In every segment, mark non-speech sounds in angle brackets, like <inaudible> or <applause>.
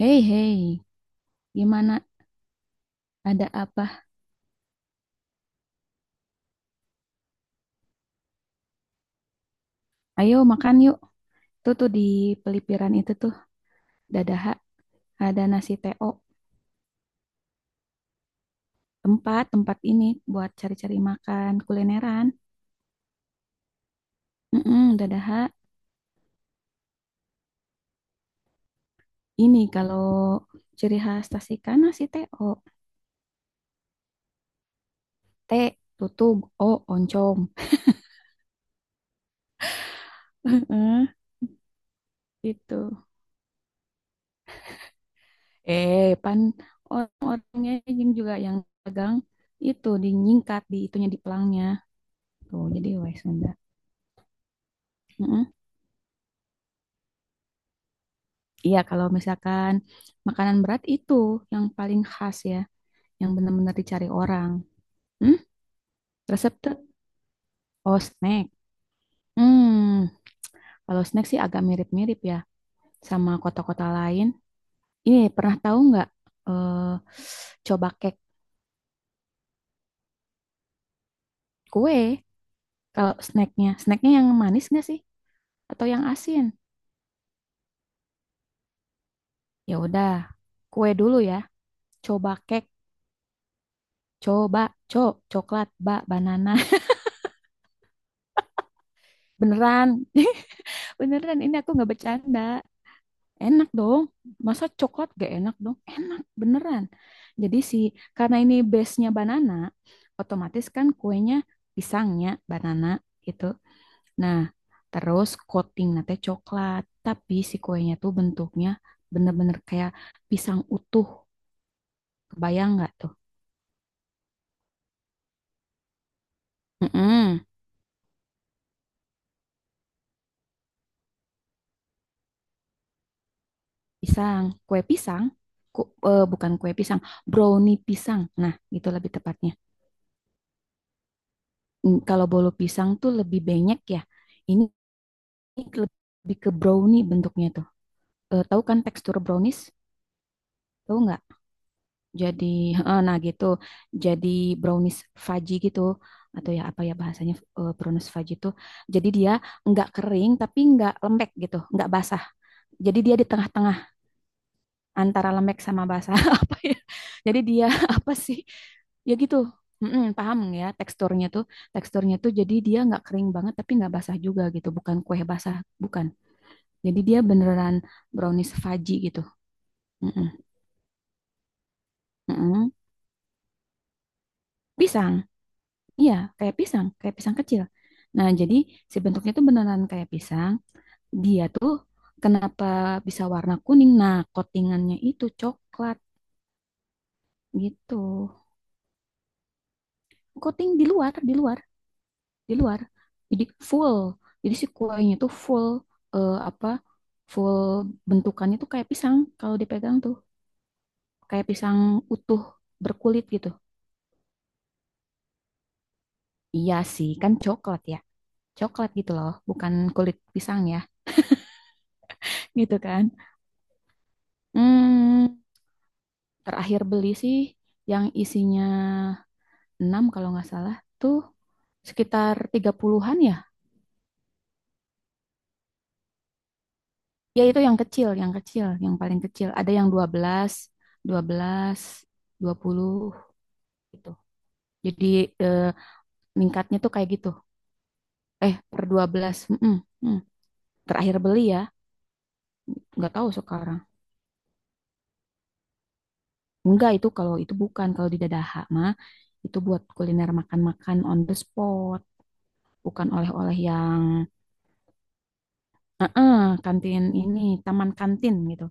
Hei, hei, gimana? Ada apa? Ayo makan yuk. Tuh tuh di pelipiran itu tuh, Dadaha, ada nasi TO. Tempat ini buat cari-cari makan kulineran. Mm-mm, Dadaha, ini kalau ciri khas Tasikan nasi TO. T, tutug, O, oncom. <laughs> itu. Pan orang-orangnya yang juga yang pegang itu dinyingkat di itunya di pelangnya. Tuh, jadi wes Sunda. Mm-mm. Iya, kalau misalkan makanan berat itu yang paling khas ya, yang benar-benar dicari orang. Hmm? Resep tuh, oh snack. Hmm, kalau snack sih agak mirip-mirip ya sama kota-kota lain. Ini pernah tahu nggak? eh Coba cake kue. Kalau snacknya yang manis nggak sih? Atau yang asin? Ya udah, kue dulu ya. Coba cake, coba co, coklat, banana. <laughs> Beneran, <laughs> beneran. Ini aku nggak bercanda. Enak dong. Masa coklat gak enak dong? Enak beneran. Jadi si karena ini base-nya banana, otomatis kan kuenya pisangnya banana gitu. Nah, terus coating nanti coklat, tapi si kuenya tuh bentuknya bener-bener kayak pisang utuh. Kebayang nggak tuh? Mm-mm. Pisang, kue pisang, bukan kue pisang, brownie pisang. Nah, gitu lebih tepatnya. Mm, kalau bolu pisang tuh lebih banyak ya. Ini Ini lebih ke brownie bentuknya tuh. Tahu kan tekstur brownies? Tahu nggak? Jadi, nah gitu. Jadi brownies fudgy gitu. Atau ya apa ya bahasanya brownies fudgy itu. Jadi dia nggak kering tapi nggak lembek gitu. Nggak basah. Jadi dia di tengah-tengah antara lembek sama basah. <laughs> Apa ya? Jadi dia <laughs> apa sih? Ya gitu. Mm-mm, paham ya teksturnya tuh. Teksturnya tuh jadi dia nggak kering banget tapi nggak basah juga gitu. Bukan kue basah. Bukan. Jadi dia beneran brownies fudgy gitu. Mm-mm. Mm-mm. Pisang. Iya, kayak pisang kecil. Nah, jadi si bentuknya tuh beneran kayak pisang. Dia tuh kenapa bisa warna kuning? Nah, coatingannya itu coklat gitu. Coating di luar, di luar, di luar. Jadi full. Jadi si kuahnya tuh full, apa? Full bentukannya tuh kayak pisang kalau dipegang tuh kayak pisang utuh berkulit gitu. Iya sih, kan coklat ya. Coklat gitu loh, bukan kulit pisang ya, <laughs> gitu kan. Hmm, terakhir beli sih yang isinya 6 kalau nggak salah tuh sekitar 30-an ya. Ya itu yang kecil, yang kecil, yang paling kecil. Ada yang dua dua belas dua belas 20 gitu. Jadi eh, meningkatnya tuh kayak gitu. Per 12. Mm-mm, mm. Terakhir beli ya, nggak tahu sekarang. Enggak, itu kalau itu bukan, kalau di Dadaha mah itu buat kuliner makan-makan on the spot, bukan oleh-oleh yang kantin ini, taman kantin gitu.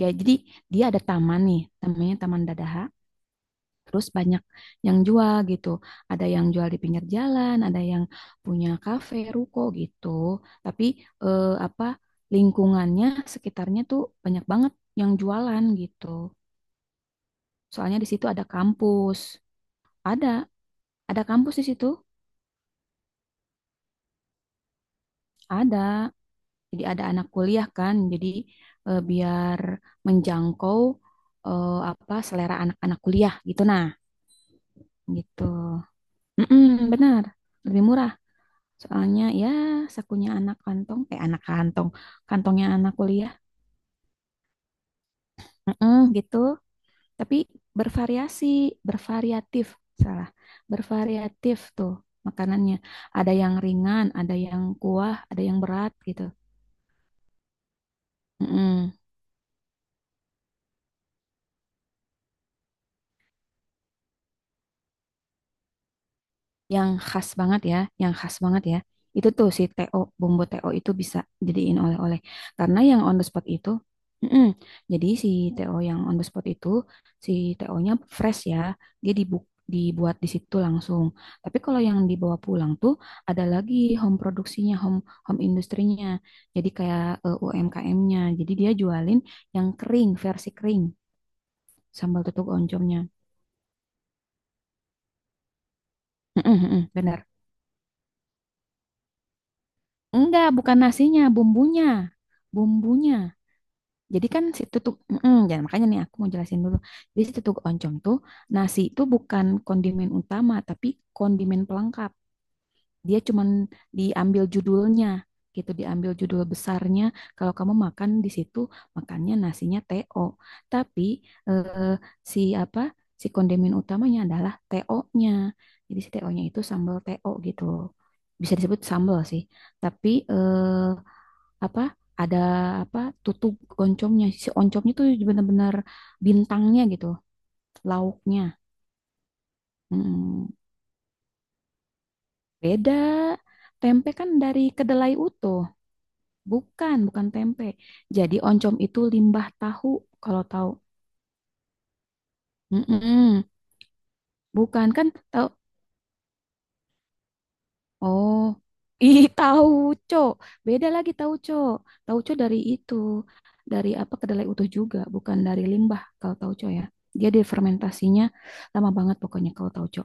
Ya, jadi dia ada taman nih, namanya Taman Dadaha. Terus banyak yang jual gitu. Ada yang jual di pinggir jalan, ada yang punya kafe, ruko gitu. Tapi eh, apa lingkungannya sekitarnya tuh banyak banget yang jualan gitu. Soalnya di situ ada kampus. Ada, ada kampus di situ. Ada. Jadi ada anak kuliah kan, jadi biar menjangkau eh, apa selera anak-anak kuliah gitu, nah, gitu. Mm-mm, benar, lebih murah. Soalnya ya sakunya anak kantong, eh anak kantong, kantongnya anak kuliah. Mm-mm, gitu. Tapi bervariasi, bervariatif, salah, bervariatif tuh makanannya. Ada yang ringan, ada yang kuah, ada yang berat gitu. Mm-mm. Yang khas banget ya, yang khas banget ya. Itu tuh si TO, bumbu TO itu bisa jadiin oleh-oleh. Karena yang on the spot itu, mm-mm. Jadi si TO yang on the spot itu, si TO-nya fresh ya, dia dibuat di situ langsung. Tapi kalau yang dibawa pulang tuh ada lagi home produksinya, home home industrinya. Jadi kayak UMKM-nya. Jadi dia jualin yang kering, versi kering, sambal tutuk oncomnya. Mm-mm, mm-mm, benar. Enggak, bukan nasinya, bumbunya. Bumbunya. Jadi kan si tutuk, jangan, makanya nih aku mau jelasin dulu. Jadi si tutuk oncom tuh nasi itu bukan kondimen utama, tapi kondimen pelengkap. Dia cuman diambil judulnya, gitu, diambil judul besarnya. Kalau kamu makan di situ, makannya nasinya TO. Tapi eh, si apa? Si kondimen utamanya adalah TO-nya. Jadi si TO-nya itu sambal TO gitu. Bisa disebut sambal sih. Tapi eh, apa ada apa tutup oncomnya, si oncomnya tuh benar-benar bintangnya gitu, lauknya. Mm, beda. Tempe kan dari kedelai utuh, bukan bukan tempe. Jadi oncom itu limbah tahu. Kalau tahu, mm-mm. Bukan kan tahu. Oh, ih tauco. Beda lagi tauco. Tauco dari kedelai utuh juga, bukan dari limbah kalau tauco ya. Dia difermentasinya lama banget pokoknya kalau tauco.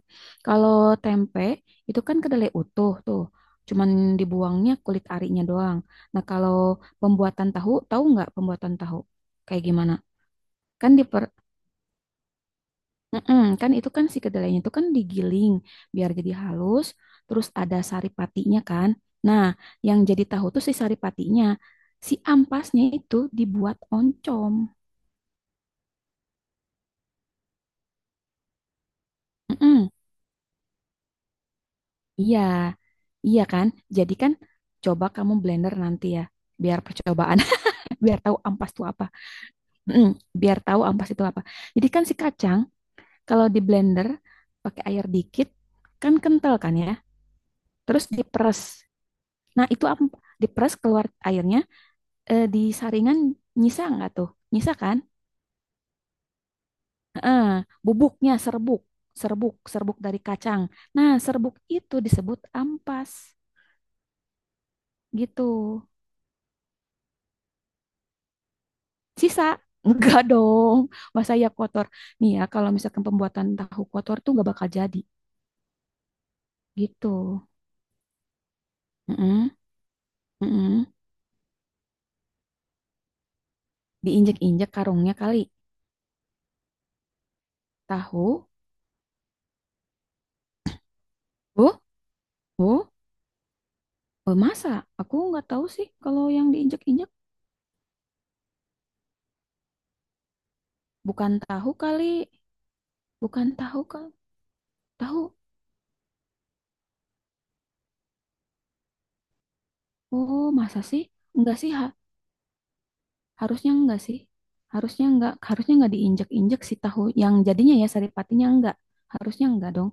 Kalau tempe itu kan kedelai utuh tuh. Cuman dibuangnya kulit arinya doang. Nah, kalau pembuatan tahu, tahu nggak pembuatan tahu? Kayak gimana? Kan diper, mm-mm, kan itu kan si kedelainya itu kan digiling biar jadi halus, terus ada saripatinya kan. Nah, yang jadi tahu tuh si saripatinya, si ampasnya itu dibuat oncom. Mm-mm, iya, iya kan. Jadi kan coba kamu blender nanti ya, biar percobaan, <laughs> biar tahu ampas itu apa. Mm-mm, biar tahu ampas itu apa. Jadi kan si kacang kalau di blender pakai air dikit, kan kental kan ya. Terus diperes. Nah, itu diperes keluar airnya, di saringan nyisa nggak tuh? Nyisa kan? Heeh, bubuknya serbuk, serbuk, serbuk dari kacang. Nah, serbuk itu disebut ampas gitu. Sisa enggak dong, masa ya kotor. Nih ya, kalau misalkan pembuatan tahu kotor tuh nggak bakal jadi gitu. Heeh, heeh. Diinjek-injek karungnya kali tahu. Oh, oh, oh, masa? Aku nggak tahu sih kalau yang diinjek-injek bukan tahu kali, bukan tahu kali. Tahu. Oh, masa sih? Enggak sih, harusnya enggak sih. Harusnya enggak diinjek-injek si tahu yang jadinya ya saripatinya, enggak. Harusnya enggak dong.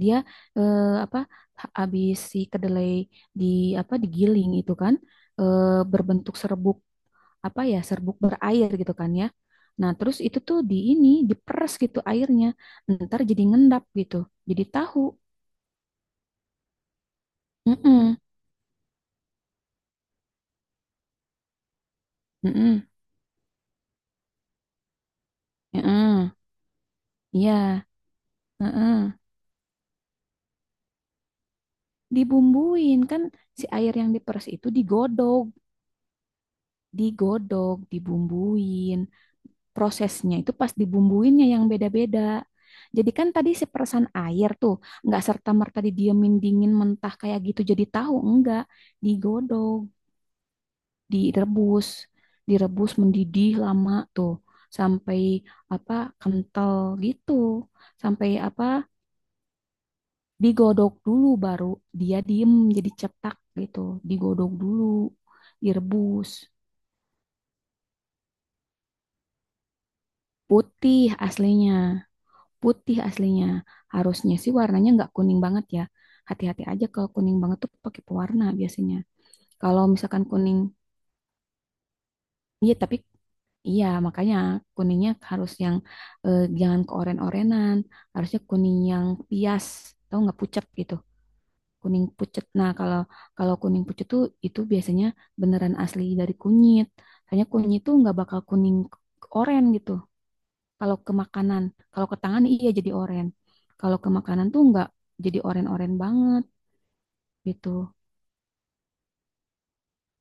Dia eh, apa habis si kedelai di apa digiling itu kan, eh, berbentuk serbuk, apa ya, serbuk berair gitu kan ya. Nah, terus itu tuh di ini diperes gitu airnya. Ntar jadi ngendap gitu. Jadi tahu. Mm-mm. Mm-mm. Mm-mm. Iya. Heeh. Dibumbuin kan, si air yang diperes itu digodok, dibumbuin. Prosesnya itu pas dibumbuinnya yang beda-beda. Jadi kan tadi si peresan air tuh nggak serta merta didiemin dingin mentah kayak gitu jadi tahu, enggak. Digodok, direbus, direbus mendidih lama tuh sampai apa kental gitu, sampai apa digodok dulu baru dia diem jadi cetak gitu, digodok dulu, direbus. Putih aslinya putih aslinya harusnya sih warnanya nggak kuning banget ya, hati-hati aja kalau kuning banget tuh pakai pewarna biasanya. Kalau misalkan kuning, iya, tapi iya makanya kuningnya harus yang jangan keoren-orenan, harusnya kuning yang pias, tau nggak, pucat gitu, kuning pucet. Nah, kalau kalau kuning pucet tuh itu biasanya beneran asli dari kunyit. Soalnya kunyit tuh nggak bakal kuning oren gitu. Kalau ke makanan, kalau ke tangan iya jadi oren. Kalau ke makanan tuh nggak jadi oren-oren banget gitu.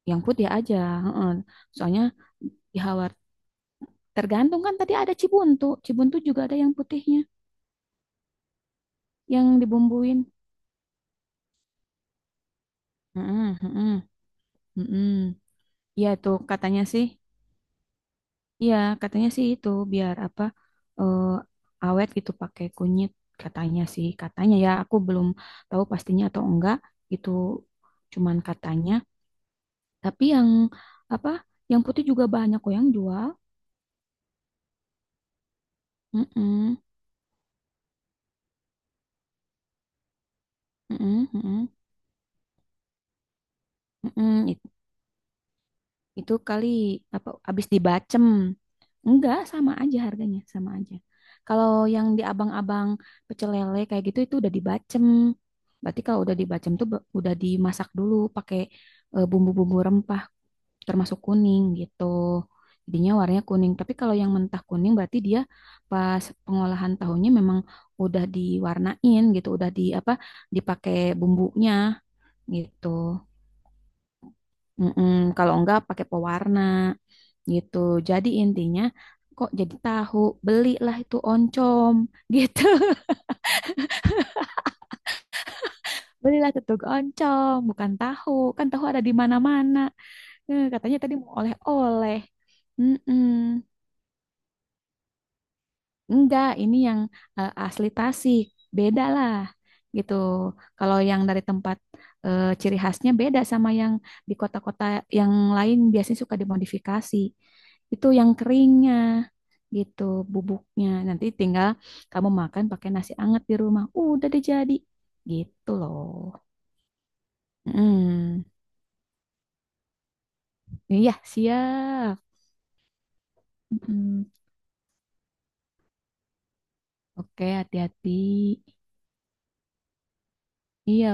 Yang putih aja. Heeh. Soalnya di Hawar tergantung, kan tadi ada Cibuntu. Cibuntu juga ada yang putihnya yang dibumbuin. Heeh, heeh, heeh. Iya tuh katanya sih. Iya, katanya sih itu biar apa, eh, awet gitu pakai kunyit, katanya sih, katanya ya, aku belum tahu pastinya atau enggak itu, cuman katanya. Tapi yang apa, yang putih juga banyak kok yang jual. Mm -mm, mm -mm, mm. Itu kali apa, habis dibacem. Enggak, sama aja harganya, sama aja. Kalau yang di abang-abang pecel lele kayak gitu itu udah dibacem. Berarti kalau udah dibacem tuh udah dimasak dulu pakai bumbu-bumbu rempah termasuk kuning gitu. Jadinya warnanya kuning. Tapi kalau yang mentah kuning berarti dia pas pengolahan tahunya memang udah diwarnain gitu, udah di apa dipakai bumbunya gitu. Mm-mm. Kalau enggak pakai pewarna gitu. Jadi intinya kok jadi tahu, belilah itu oncom gitu. <laughs> Belilah tutug oncom, bukan tahu. Kan tahu ada di mana-mana. Eh, katanya tadi mau oleh-oleh. Mm-mm. Enggak, ini yang asli Tasik. Beda lah gitu. Kalau yang dari tempat ciri khasnya beda sama yang di kota-kota yang lain, biasanya suka dimodifikasi. Itu yang keringnya gitu, bubuknya. Nanti tinggal kamu makan pakai nasi anget di rumah. Udah deh, jadi. Gitu loh. Hmm. Iya, siap. Mm-mm. Oke, hati-hati. Iya.